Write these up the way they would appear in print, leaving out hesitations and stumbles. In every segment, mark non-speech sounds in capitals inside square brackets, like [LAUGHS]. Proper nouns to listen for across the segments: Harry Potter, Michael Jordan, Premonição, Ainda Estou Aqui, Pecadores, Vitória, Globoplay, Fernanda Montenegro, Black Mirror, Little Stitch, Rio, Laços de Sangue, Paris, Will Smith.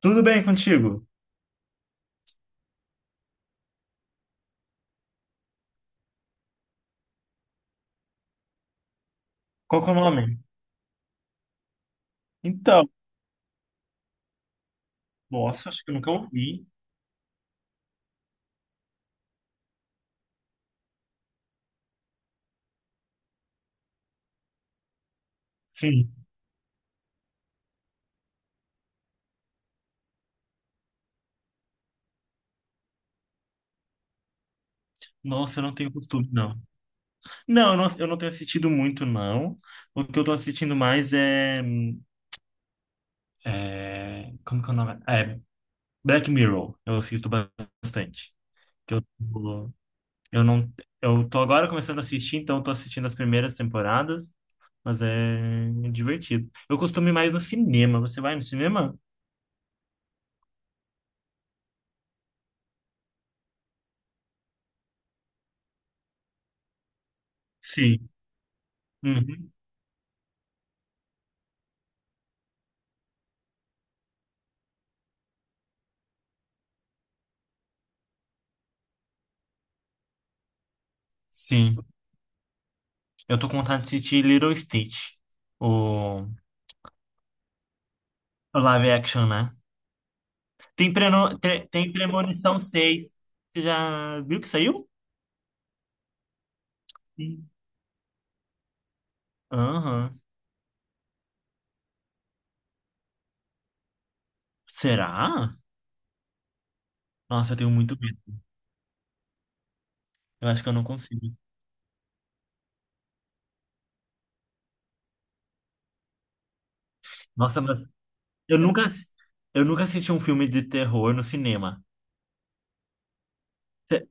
Tudo bem contigo? Qual que é o nome? Então, nossa, acho que eu nunca ouvi. Sim. Nossa, eu não tenho costume, não. Não, eu não tenho assistido muito, não. O que eu tô assistindo mais é. Como que é o nome? É Black Mirror. Eu assisto bastante. Que eu, tô- eu não... Eu tô agora começando a assistir, então eu tô assistindo as primeiras temporadas, mas é divertido. Eu costumo ir mais no cinema. Você vai no cinema? Sim. Uhum. Sim. Eu tô com vontade de assistir Little Stitch, o, o live action, né? Tem Premonição seis. Você já viu que saiu? Sim. Aham. Será? Nossa, eu tenho muito medo. Eu acho que eu não consigo. Nossa, mas eu nunca, assi- eu nunca assisti um filme de terror no cinema. Cê-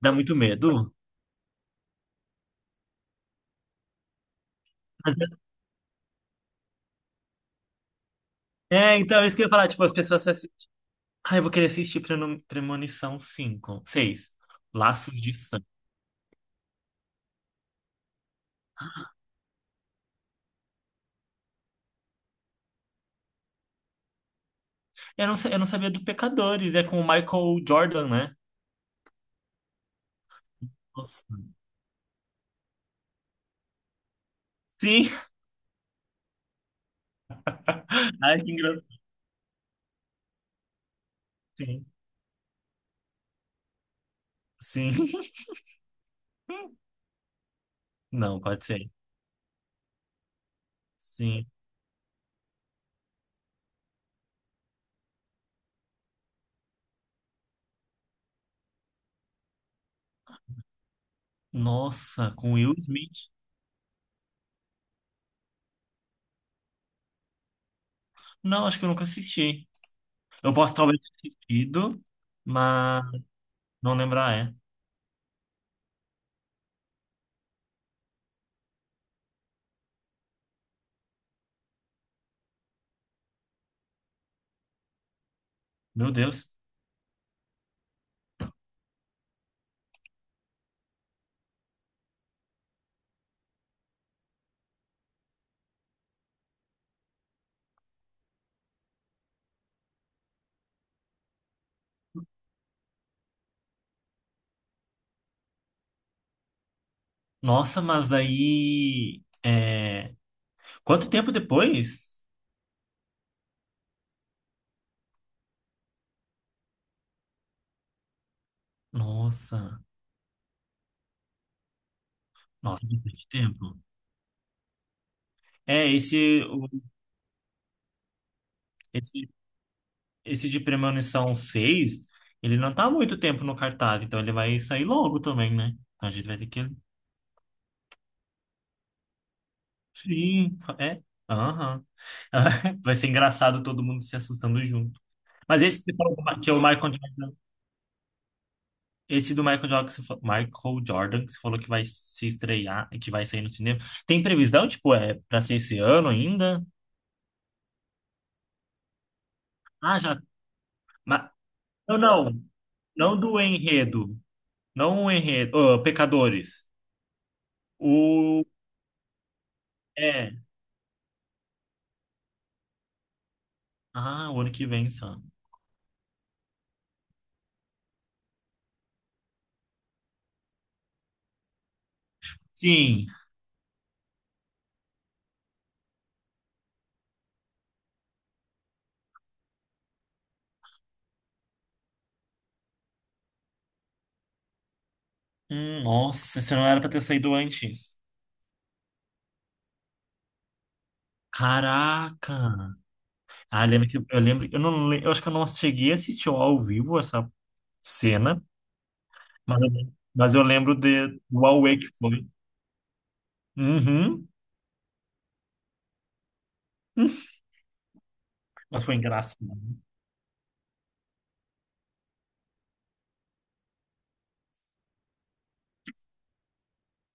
Dá muito medo? Mas- É, então, é isso que eu ia falar. Tipo, as pessoas assistem. Ah, eu vou querer assistir Premonição cinco, seis, Laços de Sangue. Eu não sabia do Pecadores, é com o Michael Jordan, né? Nossa. Sim. [LAUGHS] Ai, que engraçado. Sim. Sim. [LAUGHS] Não, pode ser. Sim. Nossa, com Will Smith. Não, acho que eu nunca assisti. Eu posso talvez ter assistido, mas não lembrar, é. Meu Deus. Nossa, mas daí. Quanto tempo depois? Nossa. Nossa, bastante tempo. É, esse, o- esse, esse de Premonição seis, ele não tá há muito tempo no cartaz, então ele vai sair logo também, né? Então a gente vai ter que... Sim, é. Aham. [LAUGHS] Vai ser engraçado todo mundo se assustando junto. Mas esse que você falou que é o Michael Jordan, esse do Michael Jordan que você falou, Michael Jordan que você falou que vai se estrear e que vai sair no cinema. Tem previsão, tipo, é para ser esse ano ainda? Ah, já. Mas, não, não, não do enredo, não o enredo. Ah, Pecadores. O é, o ano que vem só. Sim. Nossa, você não era pra ter saído antes. Caraca. Ah, eu lembro que eu lembro, eu acho que eu não cheguei a assistir ao vivo essa cena, mas eu lembro de do auê que foi. Uhum. [LAUGHS] Mas foi engraçado.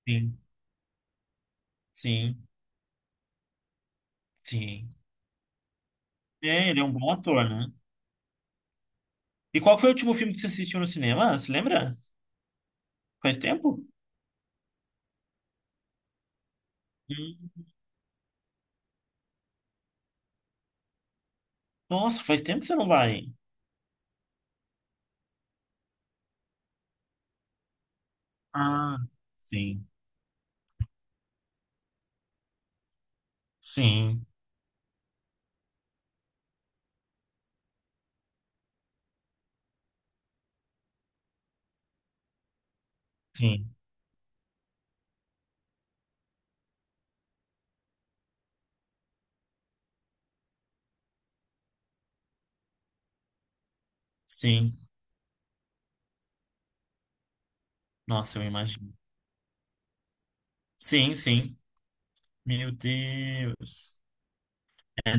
Sim, sim, sim. É, ele é um bom ator, né? E qual foi o último filme que você assistiu no cinema? Você lembra? Faz tempo? Hum. Nossa, faz tempo que você não vai. Ah, sim, sim, sim, sim. Nossa, eu imagino. Sim, sim. Meu Deus. É.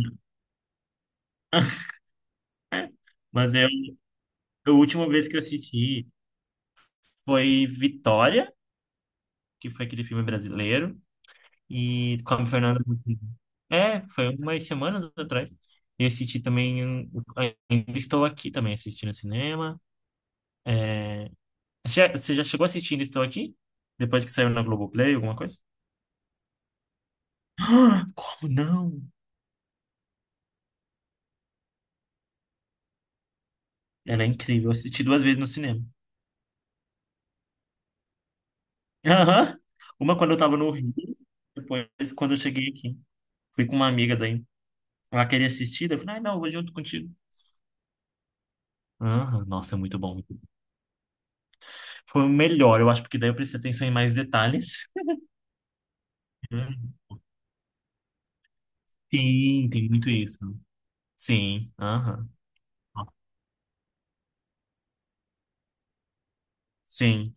[LAUGHS] Mas eu A última vez que eu assisti foi Vitória, que foi aquele filme brasileiro, e com a Fernanda Montenegro. É, foi umas semanas atrás. E assisti também Ainda Estou Aqui também, assisti no cinema. Você já chegou assistindo Estou Aqui? Depois que saiu na Globoplay, alguma coisa? Ah, como não? Ela é incrível. Eu assisti duas vezes no cinema. Aham. Uma quando eu tava no Rio, depois quando eu cheguei aqui. Fui com uma amiga daí. Ela queria assistir, daí eu falei, ah, não, eu vou junto contigo. Aham, nossa, é muito bom. Foi o melhor, eu acho, porque daí eu prestei atenção em mais detalhes. Uhum. Sim, tem muito isso. Sim, aham. Sim.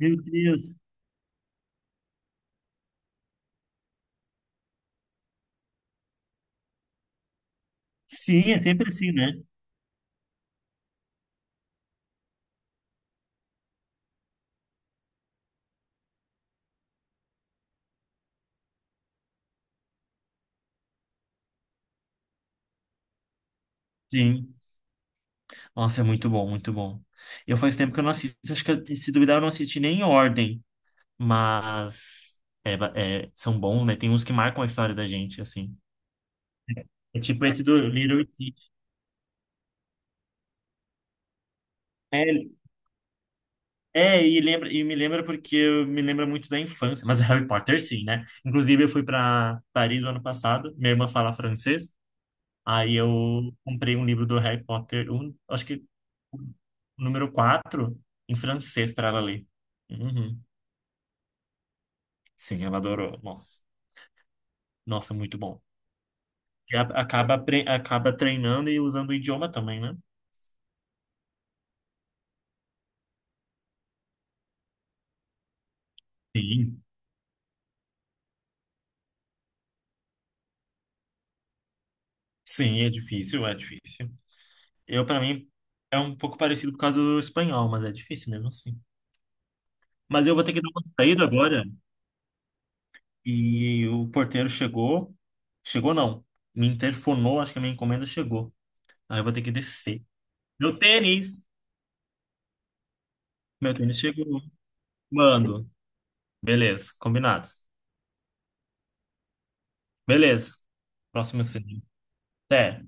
Meu Deus. Sim, é sempre assim, né? Sim. Nossa, é muito bom, muito bom. Eu faz tempo que eu não assisto, acho que se duvidar eu não assisti nem em ordem, mas são bons, né? Tem uns que marcam a história da gente, assim. É tipo esse do Little Stitch. É, e me lembra, porque eu me lembra muito da infância, mas é Harry Potter sim, né? Inclusive eu fui para Paris no ano passado, minha irmã fala francês, aí eu comprei um livro do Harry Potter, acho que o número quatro, em francês para ela ler. Uhum. Sim, ela adorou. Nossa, nossa, muito bom. Acaba treinando e usando o idioma também, né? Sim, sim, é difícil, é difícil. Eu Para mim é um pouco parecido por causa do espanhol, mas é difícil mesmo assim. Mas eu vou ter que dar uma saída agora. E o porteiro chegou. Chegou, não. Me interfonou, acho que a minha encomenda chegou. Aí eu vou ter que descer. Meu tênis! Meu tênis chegou. Mando. Beleza, combinado. Beleza. Próximo cinema. Até.